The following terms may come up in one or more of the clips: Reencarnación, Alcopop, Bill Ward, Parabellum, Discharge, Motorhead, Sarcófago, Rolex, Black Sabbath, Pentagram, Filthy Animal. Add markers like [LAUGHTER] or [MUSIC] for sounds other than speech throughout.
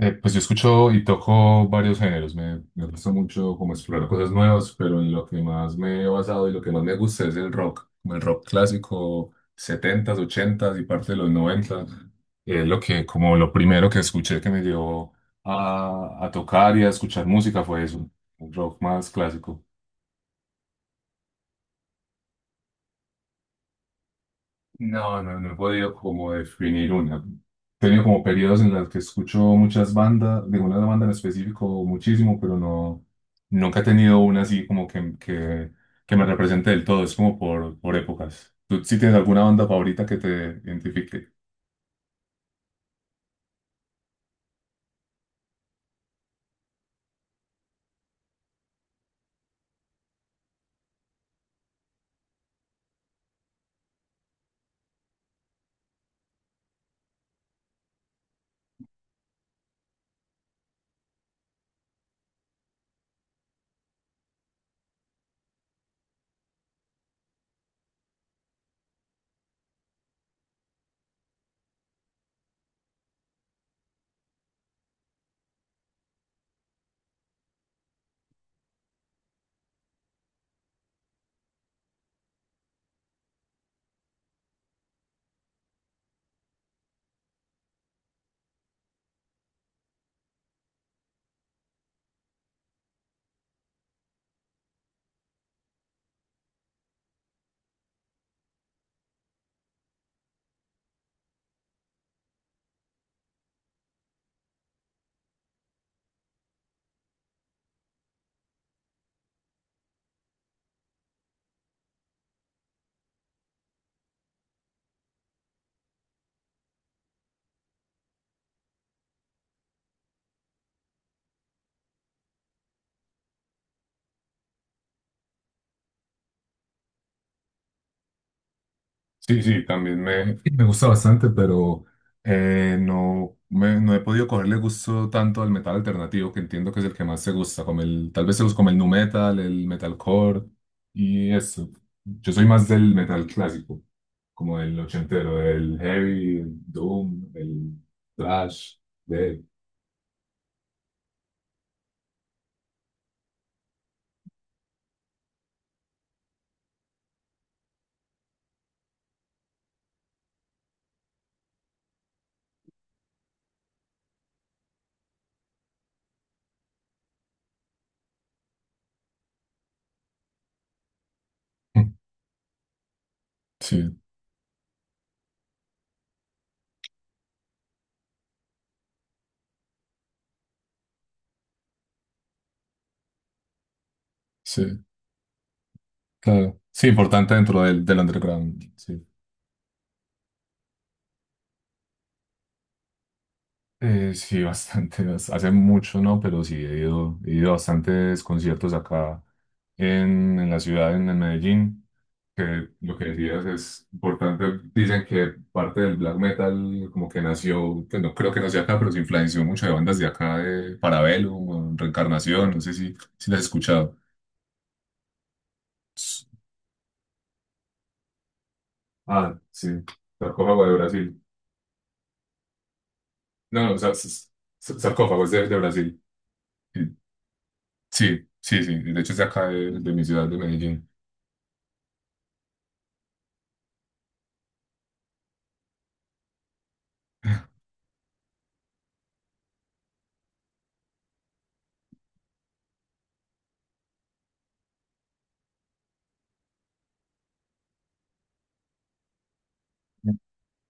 Pues yo escucho y toco varios géneros. Me gusta mucho como explorar cosas nuevas, pero en lo que más me he basado y lo que más me gusta es el rock, como el rock clásico, setentas, ochentas y parte de los noventa. Es lo que, como lo primero que escuché que me llevó a tocar y a escuchar música fue eso, un rock más clásico. No, no, no he podido como definir una. He tenido como periodos en los que escucho muchas bandas, de una banda en específico muchísimo, pero no, nunca he tenido una así como que me represente del todo. Es como por épocas. ¿Tú sí tienes alguna banda favorita que te identifique? Sí, sí, también [CLEARS THROAT] me gusta bastante, pero no, no he podido cogerle gusto tanto al metal alternativo, que entiendo que es el que más se gusta, como el, tal vez se los como el nu metal, el metalcore y eso. Yo soy más del metal clásico, como el ochentero, el heavy, el doom, el thrash, de... [LAUGHS] Sí, sí, claro. Sí, importante dentro del underground. Sí. Sí, [LAUGHS] bastante. Hace mucho, ¿no? Pero sí, he ido a bastantes conciertos acá en la ciudad, en Medellín, que lo que decías es importante. Dicen que parte del black metal como que nació, pues no creo que nació acá, pero se influenció mucho de bandas de acá, de Parabellum, Reencarnación, no sé si las has escuchado. S- Ah, sí, Sarcófago de Brasil. No, no, Sarcófago es de Brasil. Sí, sí, de hecho es de acá, de mi ciudad, de Medellín. [LAUGHS]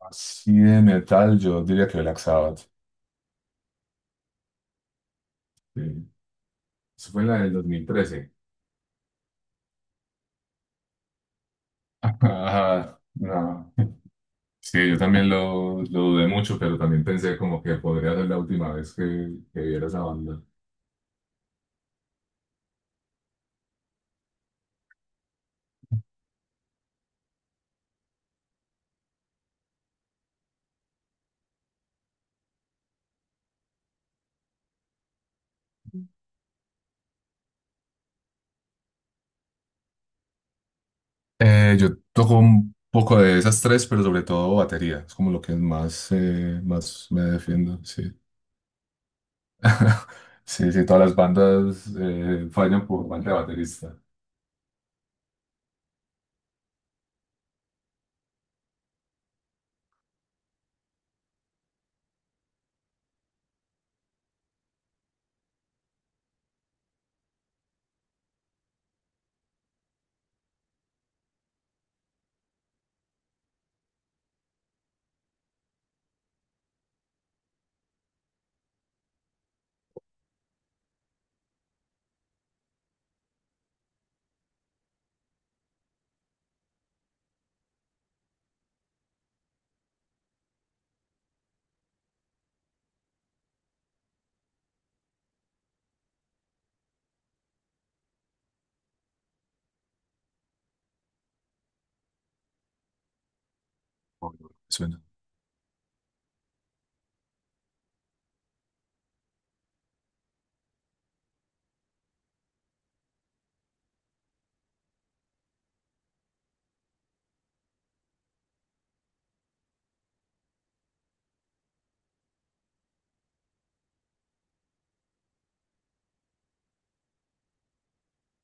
Así de metal, yo diría que Black Sabbath. Sí. Eso fue la del 2013. Ajá, no. Sí, yo también lo dudé mucho, pero también pensé como que podría ser la última vez que viera esa banda. Yo toco un poco de esas tres, pero sobre todo batería. Es como lo que más, más me defiendo, sí. [LAUGHS] Sí, sí, todas las bandas fallan por falta de baterista.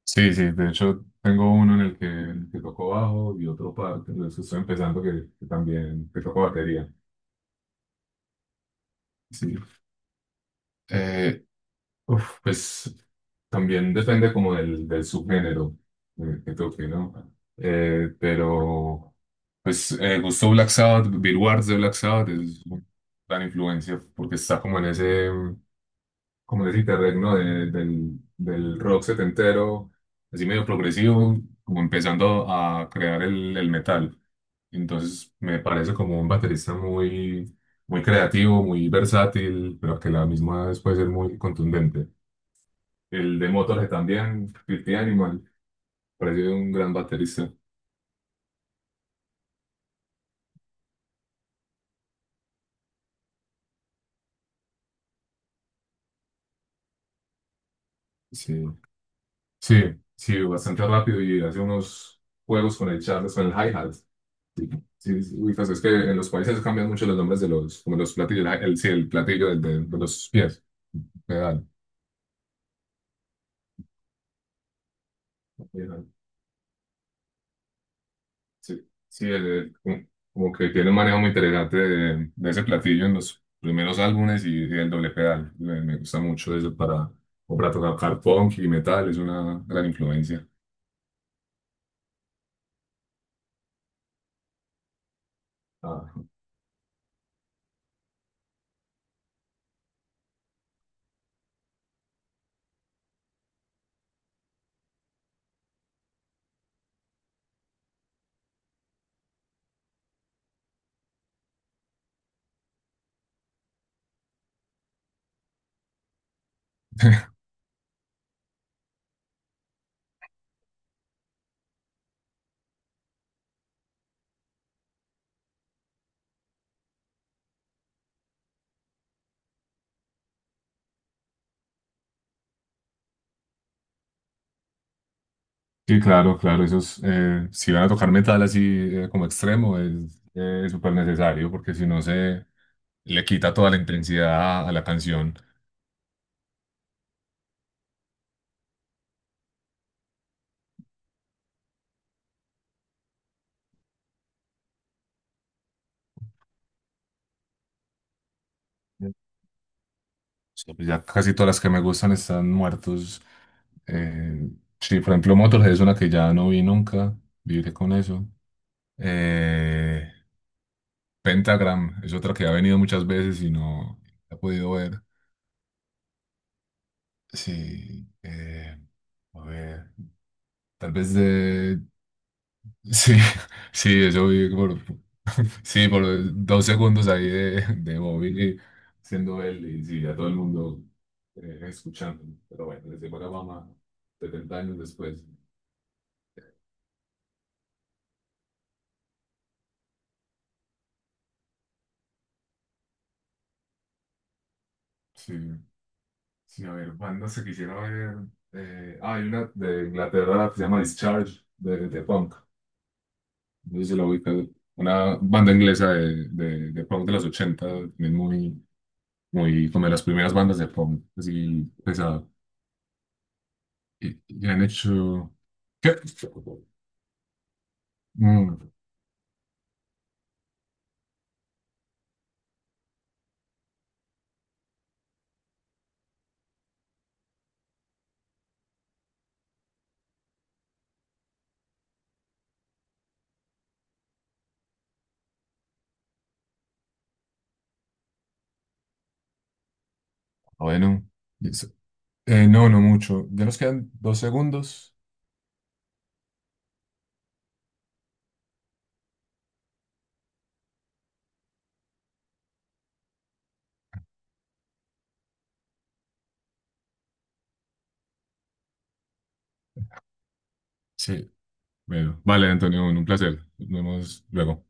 Sí, sí, de hecho tengo uno en el que toco bajo y otro para, que estoy empezando que también que toco batería. Sí. Eh, pues también depende como del subgénero que toque, ¿no? Eh, pero gustó Black Sabbath, Bill Ward de Black Sabbath es una gran influencia porque está como en ese, como decirte, regno del rock setentero, así medio progresivo, como empezando a crear el metal. Entonces me parece como un baterista muy, muy creativo, muy versátil, pero que a la misma vez puede ser muy contundente. El de Motorhead también, Filthy Animal, parece un gran baterista. Sí, sí, sí, bastante rápido y hace unos juegos con el Charles, con el hi-hat. Sí, sí, pues es que en los países cambian mucho los nombres de los, como los platillos, el platillo de los pies, pedal, pedal, sí, sí, como que tiene un manejo muy interesante de ese platillo en los primeros álbumes y el doble pedal, me gusta mucho eso para, como para tocar punk y metal, es una gran influencia. Ah. [LAUGHS] Sí, claro, claro, esos, si van a tocar metal así como extremo, es súper necesario porque si no se le quita toda la intensidad a la canción. Sí, pues ya casi todas las que me gustan están muertos. Eh, sí, por ejemplo, Motorhead es una que ya no vi nunca, viviré con eso. Eh, Pentagram es otra que ha venido muchas veces y no la he podido ver. Sí, a ver, tal vez de sí, [LAUGHS] sí, eso vi por, [LAUGHS] sí, por dos segundos ahí de Bobby siendo él y sí, a todo el mundo escuchando. Pero bueno, les llegó la fama 70 años después. Sí, sí, a ver, bandas que quisiera ver. Hay una de Inglaterra que se llama Discharge, de punk. No sé si la ubicas. Una banda inglesa de punk de los 80, también muy, muy como de las primeras bandas de punk, así pesado. Y han hecho... ¿Qué? Mm, bueno. Eso. No, no mucho. Ya nos quedan dos segundos. Sí, bueno. Vale, Antonio, un placer. Nos vemos luego.